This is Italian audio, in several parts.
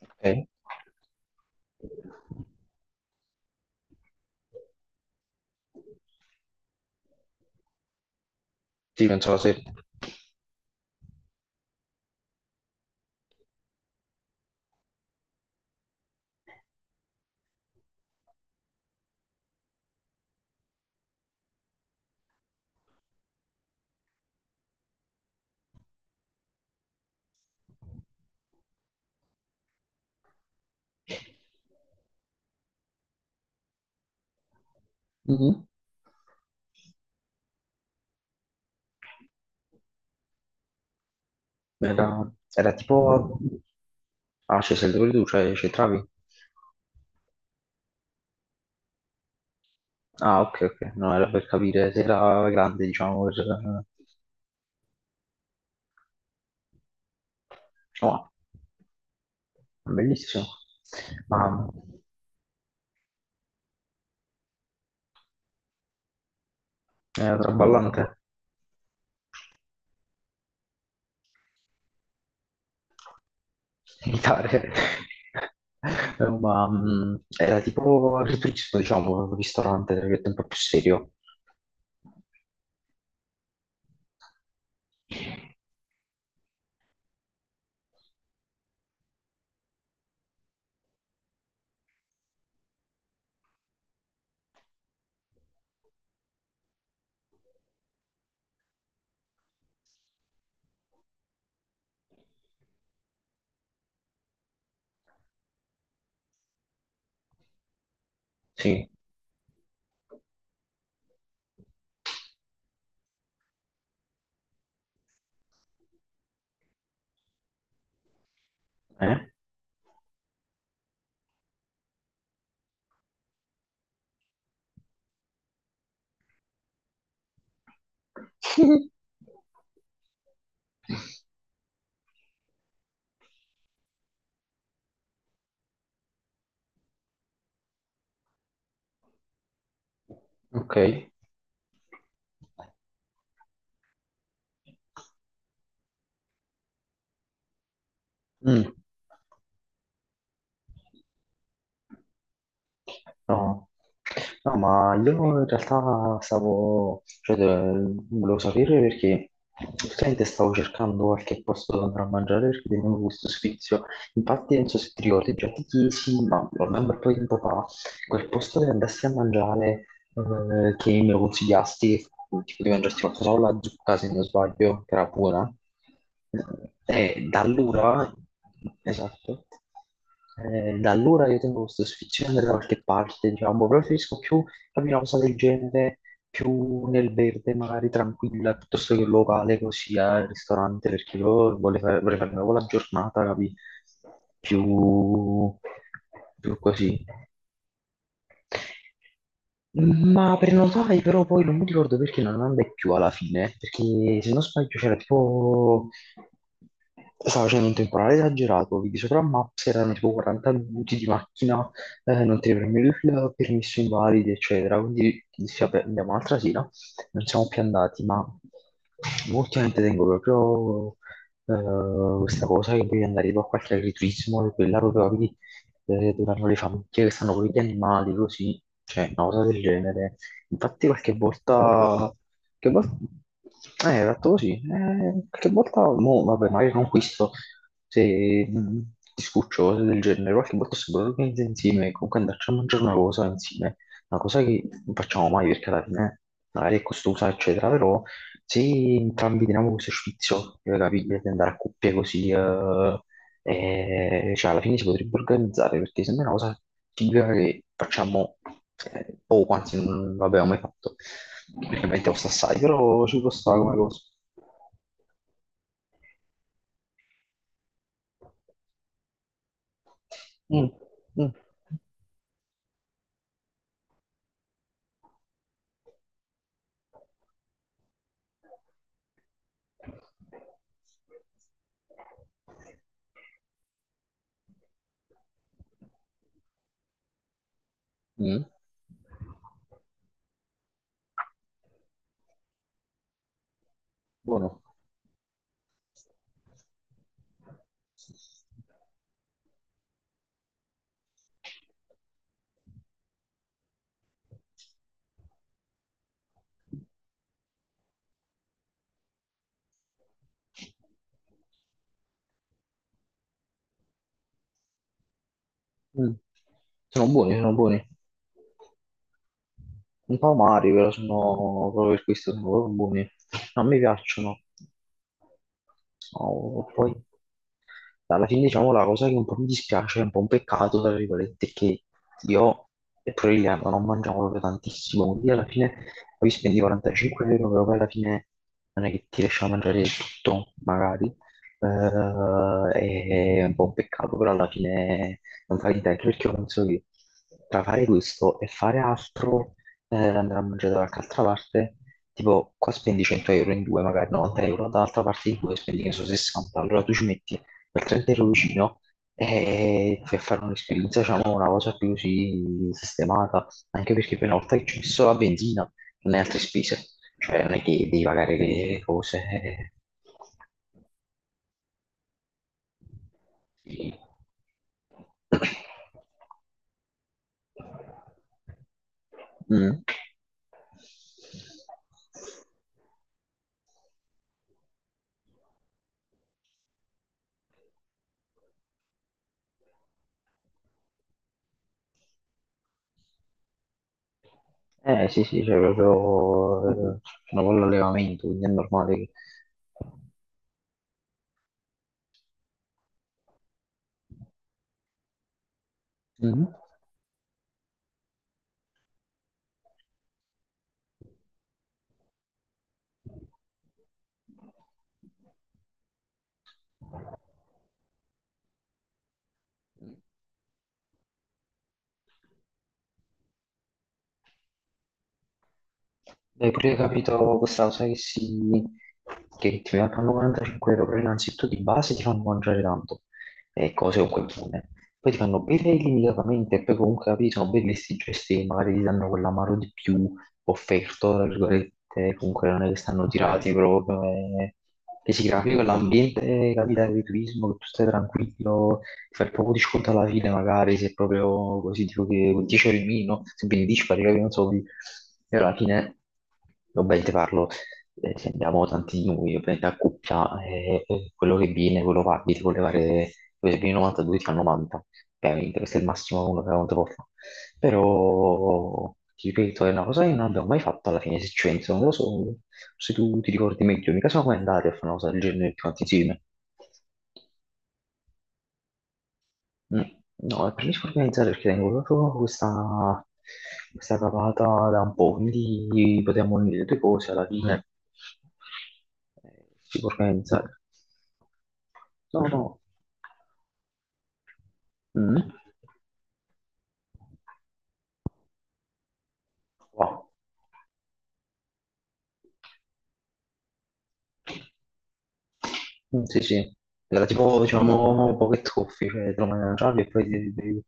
Ok. Sì, non so se. Mhm. Era, era tipo... Ah, c'è sempre pure tu, cioè c'entravi? Ah, ok, ok, no, era per capire se era grande, diciamo, per... Diciamo, ah, bellissimo. Ma era traballante, militare. Ma era tipo ripristino, diciamo, un ristorante, tra virgolette, un po' più serio. Sì, eh? Ok. Mm. No, no, ma io in realtà stavo, cioè, volevo sapere perché praticamente stavo cercando qualche posto dove andare a mangiare perché tenevo questo sfizio. Infatti, non so se ti ricordi, già ti chiesi, ma ormai un bel po' di tempo fa, quel posto dove andassi a mangiare che mi lo consigliasti, tipo di mangiarti qualcosa con la zucca, se non sbaglio, che era buona. E da allora, esatto, da allora io tengo questo sfizione da qualche parte, diciamo, preferisco più capire una cosa del genere, più nel verde, magari tranquilla, piuttosto che un locale così al ristorante, perché io vorrei, vorrei farmi con la giornata, capi? Più, più così. Ma prenotai però poi non mi ricordo perché non andai più alla fine, perché se non sbaglio c'era tipo... Stava facendo un temporale esagerato, vedi sopra Maps erano tipo 40 minuti di macchina, non ti prendevi il permesso invalidi, eccetera. Quindi dissi, vabbè, andiamo un'altra sera, non siamo più andati, ma ultimamente tengo proprio questa cosa che devi andare tipo a qualche agriturismo, quella proprio, vedi, dove vanno le famiglie che stanno con gli animali, così cioè una cosa del genere. Infatti qualche volta, che volta, esatto così, qualche volta, mo, vabbè, magari non questo, se ti scuccio, cose del genere, qualche volta se lo organizza insieme, comunque andarci a mangiare una cosa insieme, una cosa che non facciamo mai perché alla fine magari è costosa, eccetera, però se entrambi teniamo questo sfizio, capire, di andare a coppie così, cioè, alla fine si potrebbe organizzare perché sembra una cosa figa che facciamo poco, anzi, non l'abbiamo mai fatto perché ovviamente costa assai, però ci può stare come cosa. Mm, mm, mm, buono. Mm. Sono buoni, sono buoni. Un po' amari, però sono proprio per questo sono proprio buoni. No, a me piacciono. Oh, poi. Alla fine, diciamo, la cosa che un po' mi dispiace, è un po' un peccato, tra virgolette, è che io e Proiliano non mangiamo proprio tantissimo, quindi alla fine poi spendi 45 euro, però poi alla fine non è che ti riesci a mangiare tutto, magari. È un po' un peccato, però alla fine non fai niente, anche perché io penso che tra fare questo e fare altro, andare a mangiare da qualche altra parte, tipo qua spendi 100 euro in due, magari 90 euro, dall'altra parte in due spendi, che ne so, 60, allora tu ci metti quel Trent ero vicino e fui a fare un'esperienza, diciamo, una cosa più sì, sistemata, anche perché poi una volta che ci ho messo la benzina, non hai altre spese, cioè non è che devi pagare le cose. Eh, sì. Mm. Eh sì, sì, c'è proprio, c'è un po' l'allevamento, quindi è normale che... Mhm. Hai pure capito questa cosa che, si, che ti fanno 45 euro, però innanzitutto di base ti fanno mangiare tanto, e cose comunque buone. Poi ti fanno bere illimitatamente e poi comunque capito, sono belli sti gesti, che magari ti danno quell'amaro di più offerto, tra virgolette, comunque non è che stanno tirati proprio, e si crea proprio quell'ambiente, capita, di turismo, che tu stai tranquillo, fare proprio di sconto alla fine, magari se è proprio così, tipo che con 10 euro in meno, se vieni 10 pari, non so, di- e alla fine, ovviamente parlo, se andiamo tanti di noi, ovviamente a coppia, quello che viene, quello paghi, ti vuole fare, se viene 92 ti fa 90, ovviamente, questo è il massimo che uno può fare. Però, ti ripeto, è una cosa che non abbiamo mai fatto alla fine, se ci penso, non lo so, se tu ti ricordi meglio, mica siamo mai andati a fare una cosa del genere tutti quanti insieme. Mm. No, preferisco organizzare perché tengo proprio questa cavata da un po', quindi potremmo unire le due cose alla fine. Si può organizzare. No, no. Mm. Wow. Mm, sì, sì. Era tipo, diciamo, pocket coffee, cioè te lo mangiavi e poi ti bevi.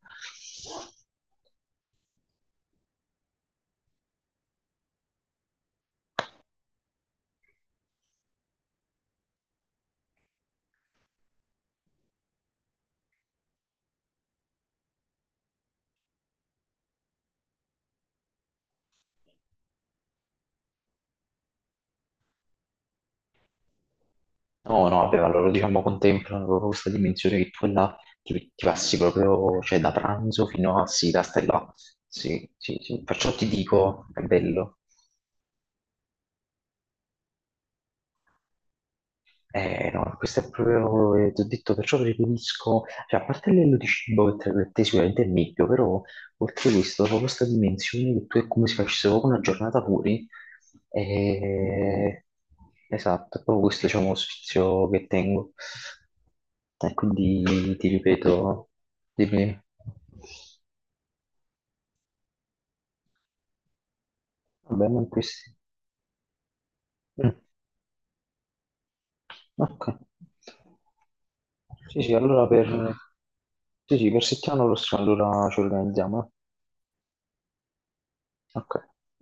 No, no, vabbè, allora diciamo contemplano proprio questa dimensione che tu e là ti passi proprio, cioè da pranzo fino a sera stai là. Sì, sì, sì. Perciò ti dico, è bello. No, questo è proprio, ti ho detto, perciò preferisco, cioè, a parte l'ello di cibo che per te sicuramente è il meglio, però oltre questo, proprio questa dimensione che tu è come se facessi proprio una giornata fuori, eh, esatto, è proprio questo, diciamo, lo sfizio che tengo. E quindi ti ripeto, dimmi, va bene, non questi. Mm, ok. Sì, sì, allora per, sì, sì, per settimana prossima allora ci organizziamo. Eh. Ok.